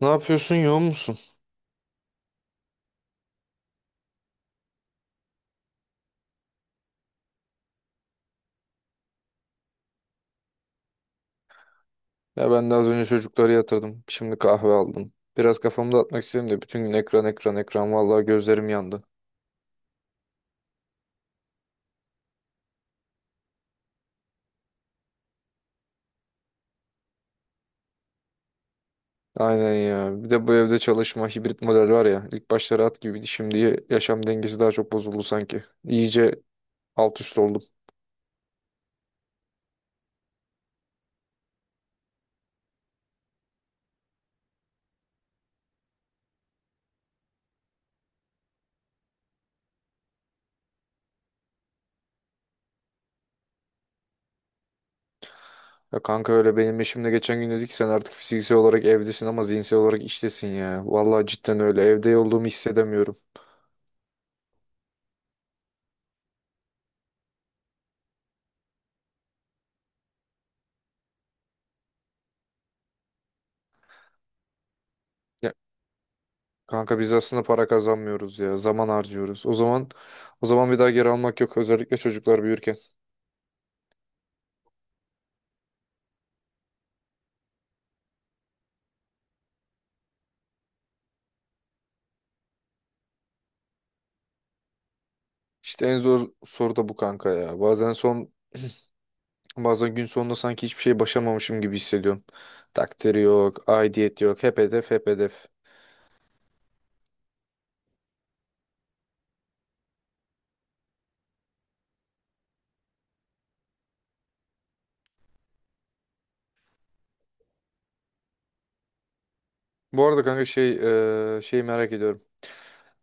Ne yapıyorsun, yoğun musun? Ya ben de az önce çocukları yatırdım. Şimdi kahve aldım. Biraz kafamı dağıtmak istedim de bütün gün ekran ekran ekran vallahi gözlerim yandı. Aynen ya. Bir de bu evde çalışma hibrit model var ya. İlk başta rahat gibiydi. Şimdi yaşam dengesi daha çok bozuldu sanki. İyice alt üst oldum. Ya kanka öyle benim eşimle geçen gün dedi ki sen artık fiziksel olarak evdesin ama zihinsel olarak iştesin ya. Vallahi cidden öyle. Evde olduğumu hissedemiyorum. Kanka biz aslında para kazanmıyoruz ya. Zaman harcıyoruz. O zaman bir daha geri almak yok. Özellikle çocuklar büyürken. İşte en zor soru da bu kanka ya. Bazen gün sonunda sanki hiçbir şey başamamışım gibi hissediyorum. Takdiri yok, aidiyet yok. Hep hedef, hep hedef. Bu arada kanka şeyi merak ediyorum.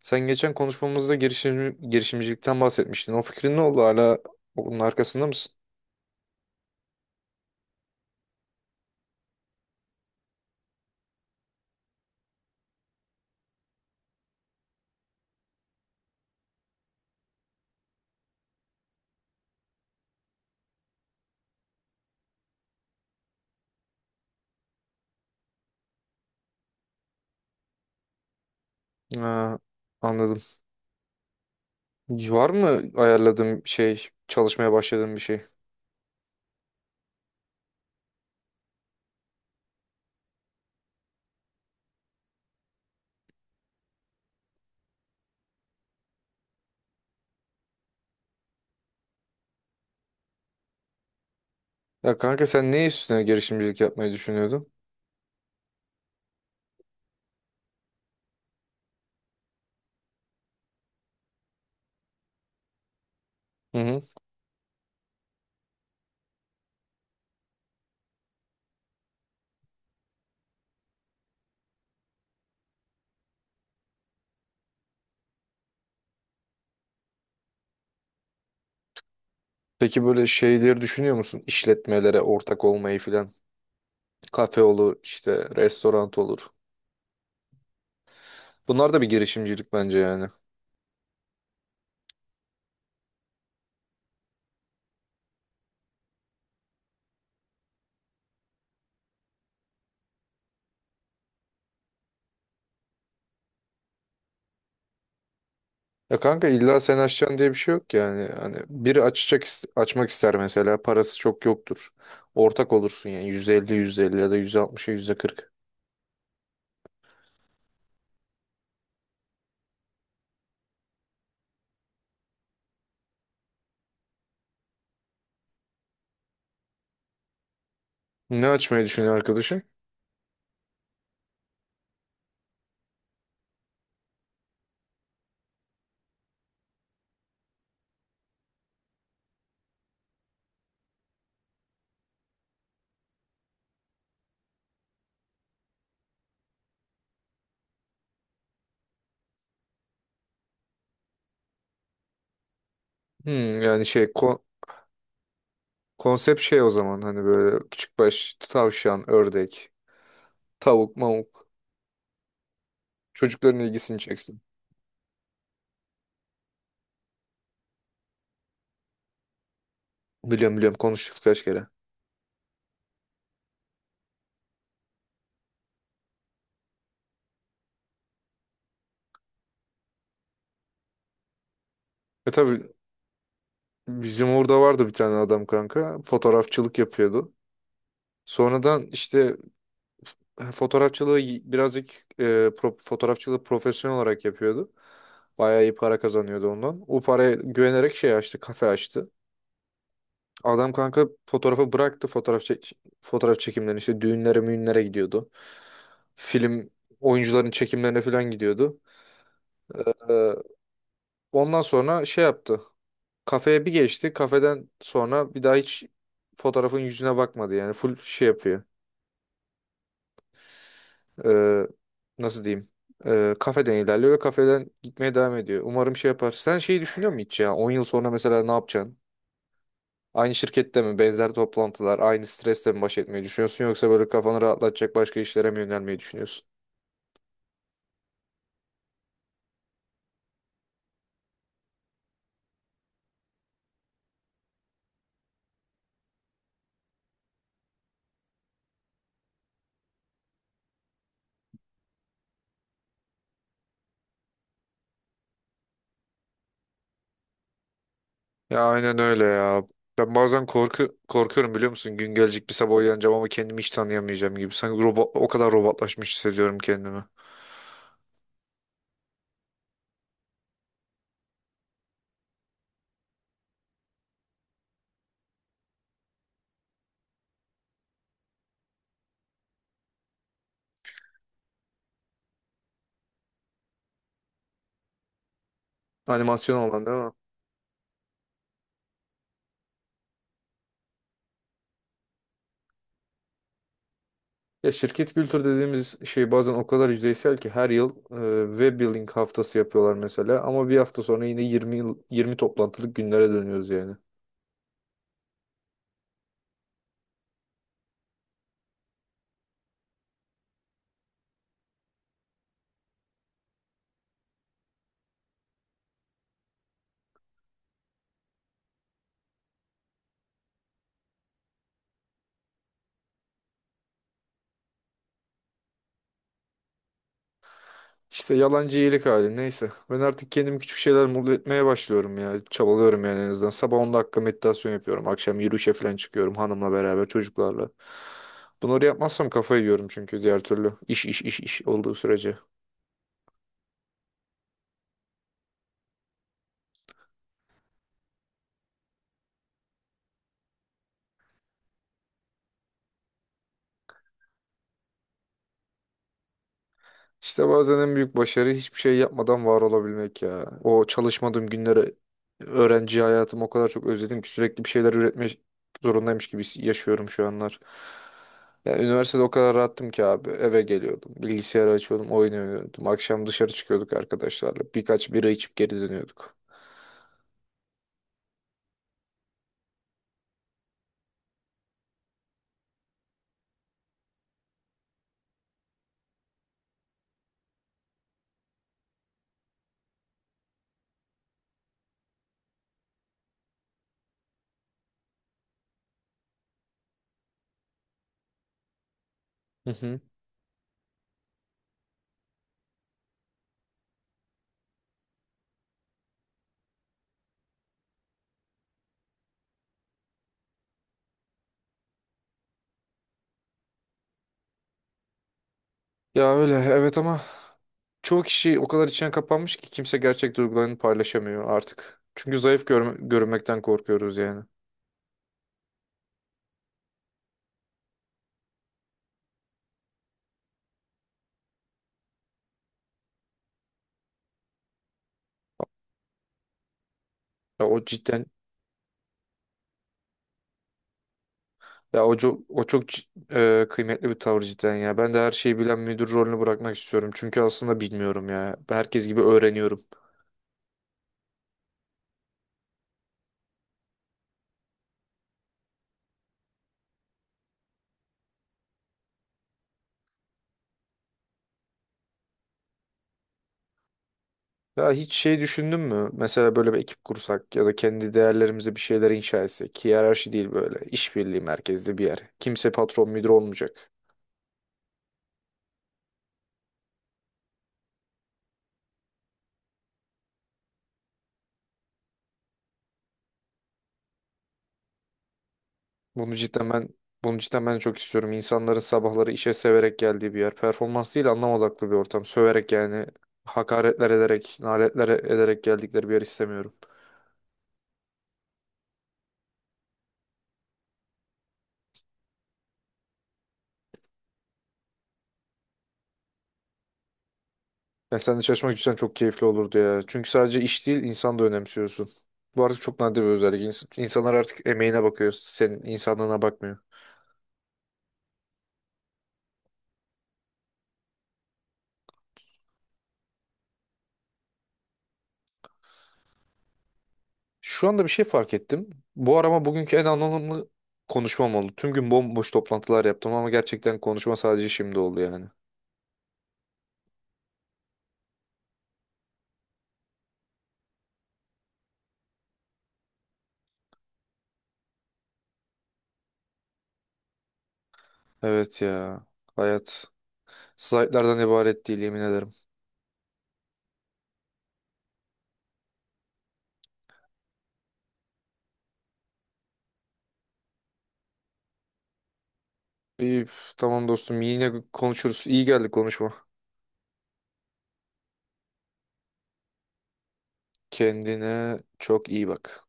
Sen geçen konuşmamızda girişimcilikten bahsetmiştin. O fikrin ne oldu? Hala onun arkasında mısın? Ha, anladım. Var mı ayarladığın şey, çalışmaya başladığın bir şey? Ya kanka sen ne üstüne girişimcilik yapmayı düşünüyordun? Hı hı. Peki böyle şeyleri düşünüyor musun? İşletmelere ortak olmayı filan. Kafe olur, işte restoran olur. Bunlar da bir girişimcilik bence yani. Ya kanka illa sen açacaksın diye bir şey yok yani. Hani biri açacak açmak ister mesela parası çok yoktur. Ortak olursun yani %50 elli ya da %60'a kırk. Ne açmayı düşünüyor arkadaşın? Yani konsept şey o zaman hani böyle küçük baş tavşan, ördek, tavuk, mavuk. Çocukların ilgisini çeksin. Biliyorum biliyorum konuştuk kaç kere. E tabii bizim orada vardı bir tane adam kanka. Fotoğrafçılık yapıyordu. Sonradan işte fotoğrafçılığı birazcık fotoğrafçılığı profesyonel olarak yapıyordu. Bayağı iyi para kazanıyordu ondan. O paraya güvenerek şey açtı, kafe açtı. Adam kanka fotoğrafı bıraktı fotoğraf çekimlerini işte düğünlere müğünlere gidiyordu. Film oyuncuların çekimlerine falan gidiyordu. Ee, Ondan sonra şey yaptı. Kafeye bir geçti. Kafeden sonra bir daha hiç fotoğrafın yüzüne bakmadı. Yani full şey yapıyor. Ee, Nasıl diyeyim? Kafeden ilerliyor ve kafeden gitmeye devam ediyor. Umarım şey yapar. Sen şeyi düşünüyor musun hiç ya? 10 yıl sonra mesela ne yapacaksın? Aynı şirkette mi? Benzer toplantılar, aynı stresle mi baş etmeyi düşünüyorsun? Yoksa böyle kafanı rahatlatacak başka işlere mi yönelmeyi düşünüyorsun? Ya aynen öyle ya. Ben bazen korkuyorum biliyor musun? Gün gelecek bir sabah uyanacağım ama kendimi hiç tanıyamayacağım gibi. Sanki robot, o kadar robotlaşmış hissediyorum kendimi. Animasyon olan değil mi? Ya şirket kültür dediğimiz şey bazen o kadar yüzeysel ki her yıl web building haftası yapıyorlar mesela ama bir hafta sonra yine 20 yıl 20 toplantılık günlere dönüyoruz yani. İşte yalancı iyilik hali neyse. Ben artık kendimi küçük şeyler mutlu etmeye başlıyorum ya. Çabalıyorum yani en azından. Sabah 10 dakika meditasyon yapıyorum. Akşam yürüyüşe falan çıkıyorum hanımla beraber çocuklarla. Bunları yapmazsam kafayı yiyorum çünkü diğer türlü. İş iş iş iş olduğu sürece. İşte bazen en büyük başarı hiçbir şey yapmadan var olabilmek ya. O çalışmadığım günleri, öğrenci hayatımı o kadar çok özledim ki sürekli bir şeyler üretmek zorundaymış gibi yaşıyorum şu anlar. Yani üniversitede o kadar rahattım ki abi. Eve geliyordum, bilgisayarı açıyordum, oyun oynuyordum. Akşam dışarı çıkıyorduk arkadaşlarla. Birkaç bira içip geri dönüyorduk. Hı hı. Ya öyle evet, ama çoğu kişi o kadar içine kapanmış ki kimse gerçek duygularını paylaşamıyor artık. Çünkü zayıf görünmekten korkuyoruz yani. Ya o cidden ya. O çok kıymetli bir tavır cidden ya. Ben de her şeyi bilen müdür rolünü bırakmak istiyorum. Çünkü aslında bilmiyorum ya. Ben herkes gibi öğreniyorum. Ya hiç şey düşündün mü? Mesela böyle bir ekip kursak ya da kendi değerlerimize bir şeyler inşa etsek. Hiyerarşi değil böyle. İşbirliği merkezli bir yer. Kimse patron müdür olmayacak. Bunu cidden ben Bunu cidden ben çok istiyorum. İnsanların sabahları işe severek geldiği bir yer. Performans değil anlam odaklı bir ortam. Söverek yani hakaretler ederek, naletler ederek geldikleri bir yer istemiyorum. Ya sen de çalışmak cidden çok keyifli olurdu ya. Çünkü sadece iş değil insan da önemsiyorsun. Bu artık çok nadir bir özellik. İnsanlar artık emeğine bakıyor. Senin insanlığına bakmıyor. Şu anda bir şey fark ettim. Bu arama bugünkü en anlamlı konuşmam oldu. Tüm gün bomboş toplantılar yaptım ama gerçekten konuşma sadece şimdi oldu yani. Evet ya. Hayat. Slaytlardan ibaret değil yemin ederim. İyi, üf, tamam dostum yine konuşuruz. İyi geldi konuşma. Kendine çok iyi bak.